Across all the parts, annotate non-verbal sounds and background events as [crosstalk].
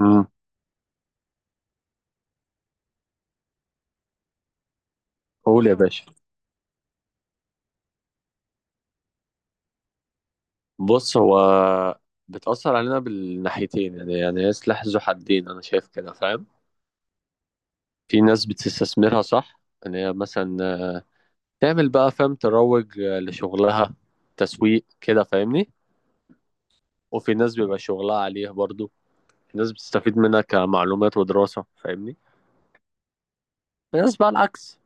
امم قول يا باشا. بص، هو بتأثر علينا بالناحيتين، يعني هي سلاح ذو حدين. أنا شايف كده، فاهم. في ناس بتستثمرها صح، إن هي مثلا تعمل بقى، فاهم، تروج لشغلها، تسويق كده، فاهمني. وفي ناس بيبقى شغلها عليه برضو. في ناس بتستفيد منها كمعلومات ودراسة، فاهمني. في ناس بقى العكس،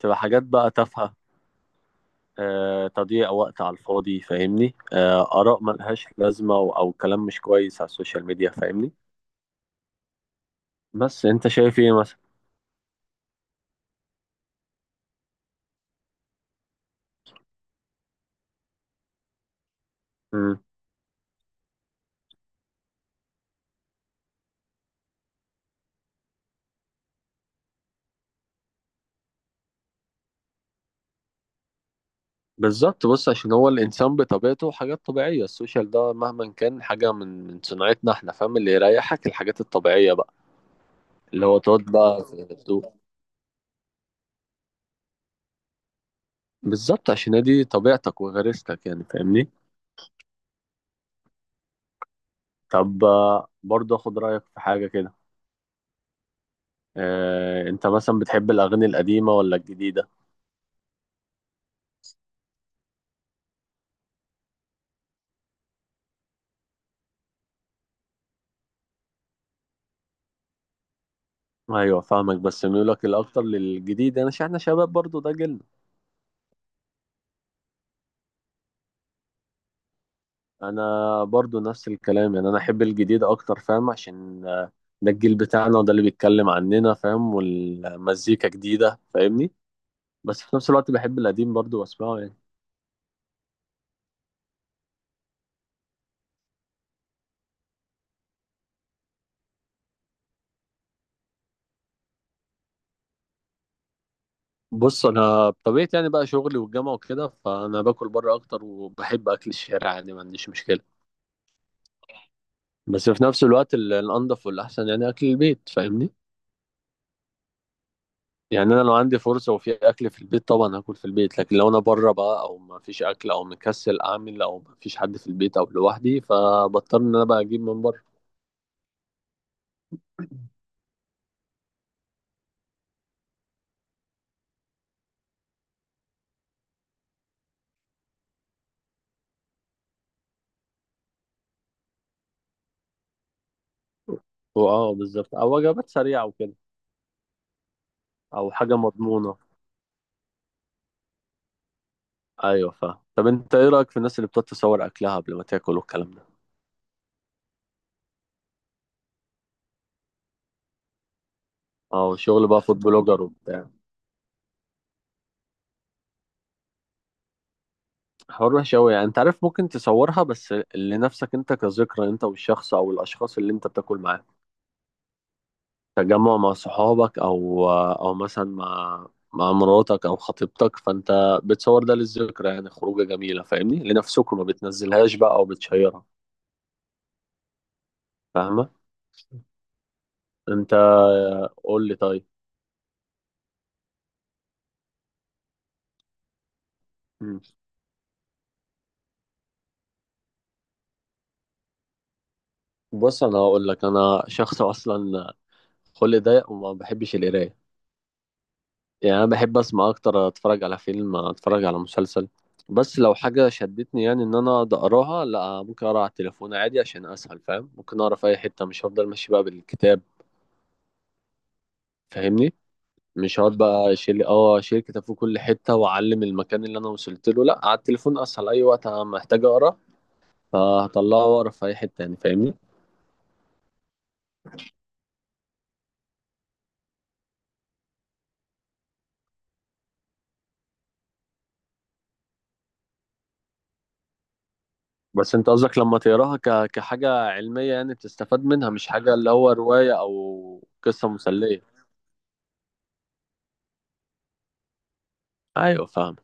تبقى حاجات بقى تافهة. تضييع وقت على الفاضي، فاهمني. آراء ملهاش لازمة، أو كلام مش كويس على السوشيال ميديا، فاهمني. بس انت شايف ايه مثلا؟ مم. بالظبط. بص، عشان هو الانسان بطبيعته حاجات طبيعيه، السوشيال ده مهما كان حاجه من صناعتنا احنا، فاهم، اللي يريحك الحاجات الطبيعيه بقى، اللي هو تقعد بقى في الهدوء. بالظبط، عشان هي دي طبيعتك وغريزتك، يعني فاهمني. طب برضه اخد رايك في حاجه كده. اه، انت مثلا بتحب الاغاني القديمه ولا الجديده؟ ايوه، فاهمك، بس ميولك الاكتر للجديد. انا يعني احنا شباب برضه، ده جيلنا. انا برضو نفس الكلام، يعني انا احب الجديد اكتر، فاهم، عشان ده الجيل بتاعنا وده اللي بيتكلم عننا، فاهم، والمزيكا جديدة، فاهمني. بس في نفس الوقت بحب القديم برضو واسمعه يعني. بص، انا بطبيعتي يعني بقى شغلي والجامعة وكده، فانا باكل بره اكتر، وبحب اكل الشارع، يعني ما عنديش مشكلة. بس في نفس الوقت الانضف والاحسن يعني اكل البيت، فاهمني. يعني انا لو عندي فرصه وفي اكل في البيت، طبعا هاكل في البيت. لكن لو انا بره بقى، او ما فيش اكل، او مكسل اعمل، او ما فيش حد في البيت او لوحدي، فبضطر ان انا بقى اجيب من بره. اه، بالظبط، او وجبات سريعه وكده، او حاجه مضمونه. ايوه، فاهم. طب انت ايه رايك في الناس اللي بتتصور اكلها قبل ما تاكل والكلام ده؟ اه، شغل بقى فود بلوجر وبتاع. حوار وحش قوي يعني، انت عارف، ممكن تصورها بس لنفسك انت، كذكرى انت والشخص او الاشخاص اللي انت بتاكل معاهم. تجمع مع صحابك، او مثلا مع مراتك او خطيبتك، فانت بتصور ده للذكرى، يعني خروجه جميله، فاهمني، لنفسكم، ما بتنزلهاش بقى او بتشيرها. فاهمه. انت قول لي طيب. مم. بص، انا هقول لك، انا شخص اصلا خلق ضيق وما بحبش القرايه. يعني انا بحب اسمع اكتر، اتفرج على فيلم، اتفرج على مسلسل. بس لو حاجه شدتني، يعني ان انا أقعد اقراها، لا، ممكن اقرا على التليفون عادي، عشان اسهل، فاهم، ممكن اقرا في اي حته، مش هفضل ماشي بقى بالكتاب، فاهمني. مش هقعد بقى اشيل كتاب في كل حته واعلم المكان اللي انا وصلت له، لا، على التليفون اسهل، اي وقت انا محتاج اقرا فهطلعه واقرا في اي حته يعني، فاهمني. بس انت قصدك لما تقراها كحاجه علميه، يعني بتستفاد منها، مش حاجه اللي هو روايه او قصه مسليه؟ ايوه، فاهم.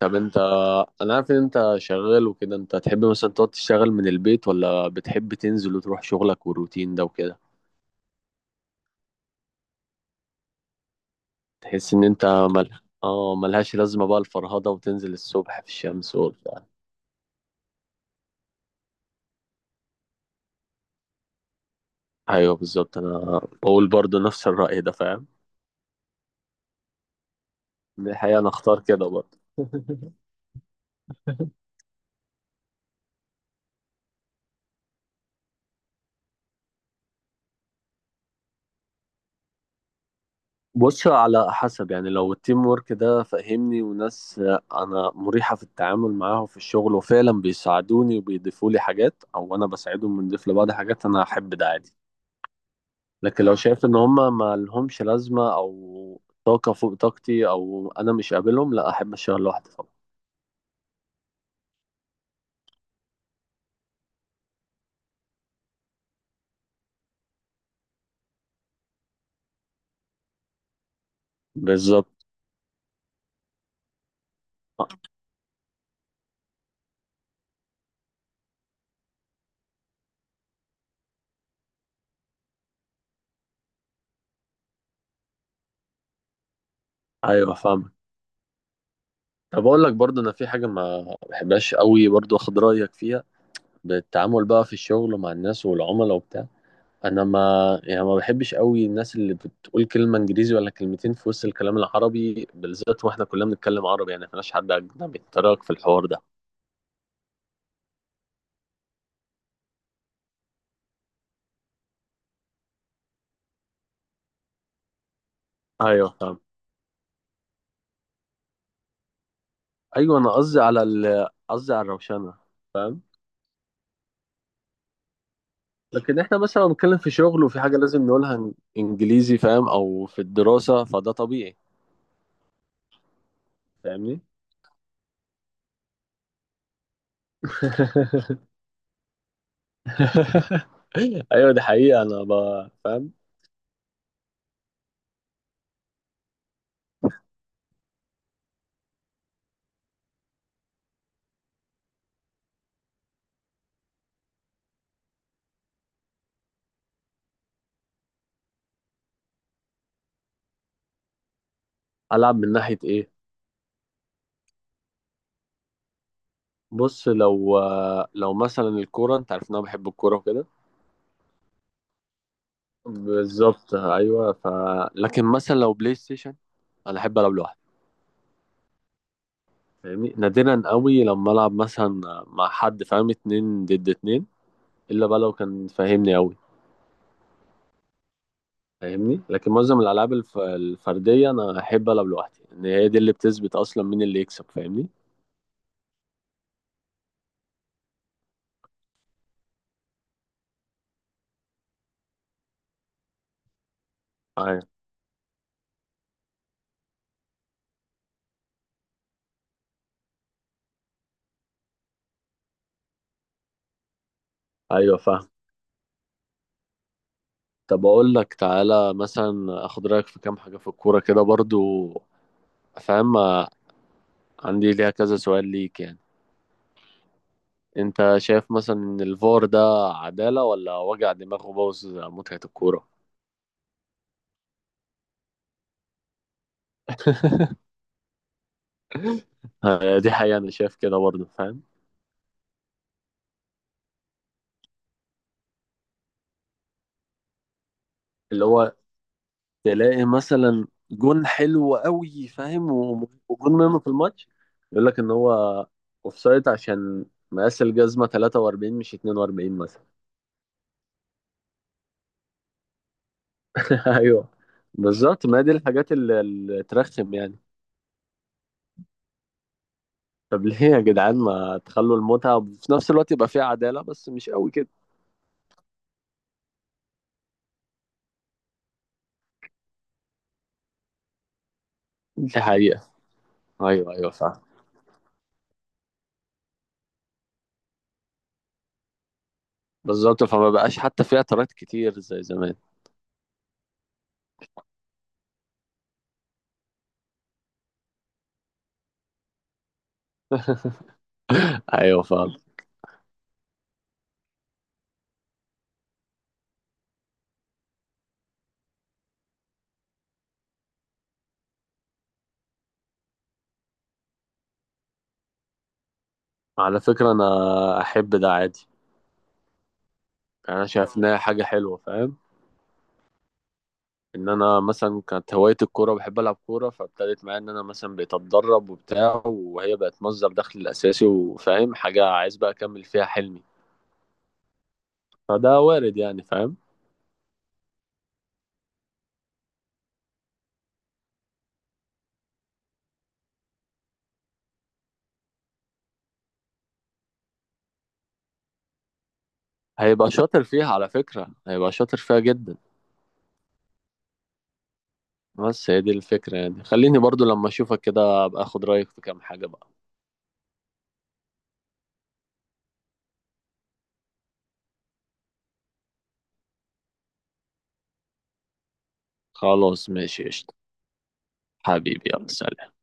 طب انا عارف ان انت شغال وكده، انت تحب مثلا تقعد تشتغل من البيت، ولا بتحب تنزل وتروح شغلك والروتين ده وكده؟ تحس ان انت اه، ملهاش لازمه بقى الفرهده وتنزل الصبح في الشمس والبتاع. ايوه، بالظبط، انا بقول برضو نفس الراي ده، فاهم. دي الحقيقه، انا اختار كده برضو. [laughs] بص، على حسب. يعني لو التيم ورك ده، فاهمني، وناس انا مريحه في التعامل معاهم في الشغل، وفعلا بيساعدوني وبيضيفوا لي حاجات، او انا بساعدهم بنضيف لبعض حاجات، انا هحب ده عادي. لكن لو شايف ان هم ما لهمش لازمه، او طاقه فوق طاقتي، او انا مش قابلهم، لا، احب اشتغل لوحدي طبعا. بالظبط. ايوه، فاهمك. طب اقول لك برضه، انا في حاجه ما بحبهاش قوي، برضه اخد رايك فيها. بالتعامل بقى في الشغل مع الناس والعملاء وبتاع. انا ما يعني ما بحبش قوي الناس اللي بتقول كلمه انجليزي ولا كلمتين في وسط الكلام العربي، بالذات واحنا كلنا بنتكلم عربي، يعني مفيناش حد اجنبي يتطرق في الحوار ده. ايوه، فاهم. ايوه، انا قصدي على الروشنه، فاهم. لكن احنا مثلا بنتكلم في شغل وفي حاجه لازم نقولها انجليزي، فاهم، او في الدراسه، فده طبيعي، فاهمني. [laughs] [laughs] ايوه، دي حقيقة. انا فاهم. العب من ناحية ايه؟ بص، لو مثلا الكورة، انت عارف ان انا بحب الكورة وكده. بالظبط، ايوه، لكن مثلا لو بلاي ستيشن، انا احب العب لوحدي. فاهمني، نادرا قوي لما العب مثلا مع حد، فاهم، اتنين ضد اتنين، الا بقى لو كان فاهمني قوي. فاهمني، لكن معظم الالعاب الفردية انا احب العب لوحدي، ان هي دي اللي بتثبت اصلا مين اللي يكسب، فاهمني. ايوه، ايوه. طب اقول لك، تعالى مثلا اخد رايك في كام حاجه في الكوره كده برضو، فاهم. عندي ليها كذا سؤال ليك يعني. انت شايف مثلا ان الفار ده عداله، ولا وجع دماغ وبوظ متعه الكوره؟ دي حقيقه، انا شايف كده برضو، فاهم. اللي هو تلاقي مثلا جون حلو قوي، فاهم، وجون مهم في الماتش. يقول لك ان هو اوفسايد عشان مقاس الجزمه 43 مش 42 مثلا. [laughs] ايوه، بالظبط، ما دي الحاجات اللي ترخم يعني. طب ليه يا جدعان ما تخلوا المتعة، وفي نفس الوقت يبقى فيها عدالة، بس مش قوي كده؟ دي حقيقة. أيوه، أيوه، فاهم. بالظبط، فما بقاش حتى فيها اعتراض كتير زي زمان. أيوه، فاهم. على فكرة، أنا أحب ده عادي. يعني أنا شايف إنها حاجة حلوة، فاهم. إن أنا مثلا كانت هواية الكورة، بحب ألعب كورة، فابتدت معايا إن أنا مثلا بقيت أتدرب وبتاع، وهي بقت مصدر دخل الأساسي، وفاهم، حاجة عايز بقى أكمل فيها حلمي. فده وارد يعني، فاهم. هيبقى شاطر فيها، على فكرة، هيبقى شاطر فيها جدا. بس هي دي الفكرة، يعني خليني برضو لما أشوفك كده أبقى أخد رأيك في كام حاجة بقى. خلاص، ماشي، قشطة. حبيبي، يلا، سلام.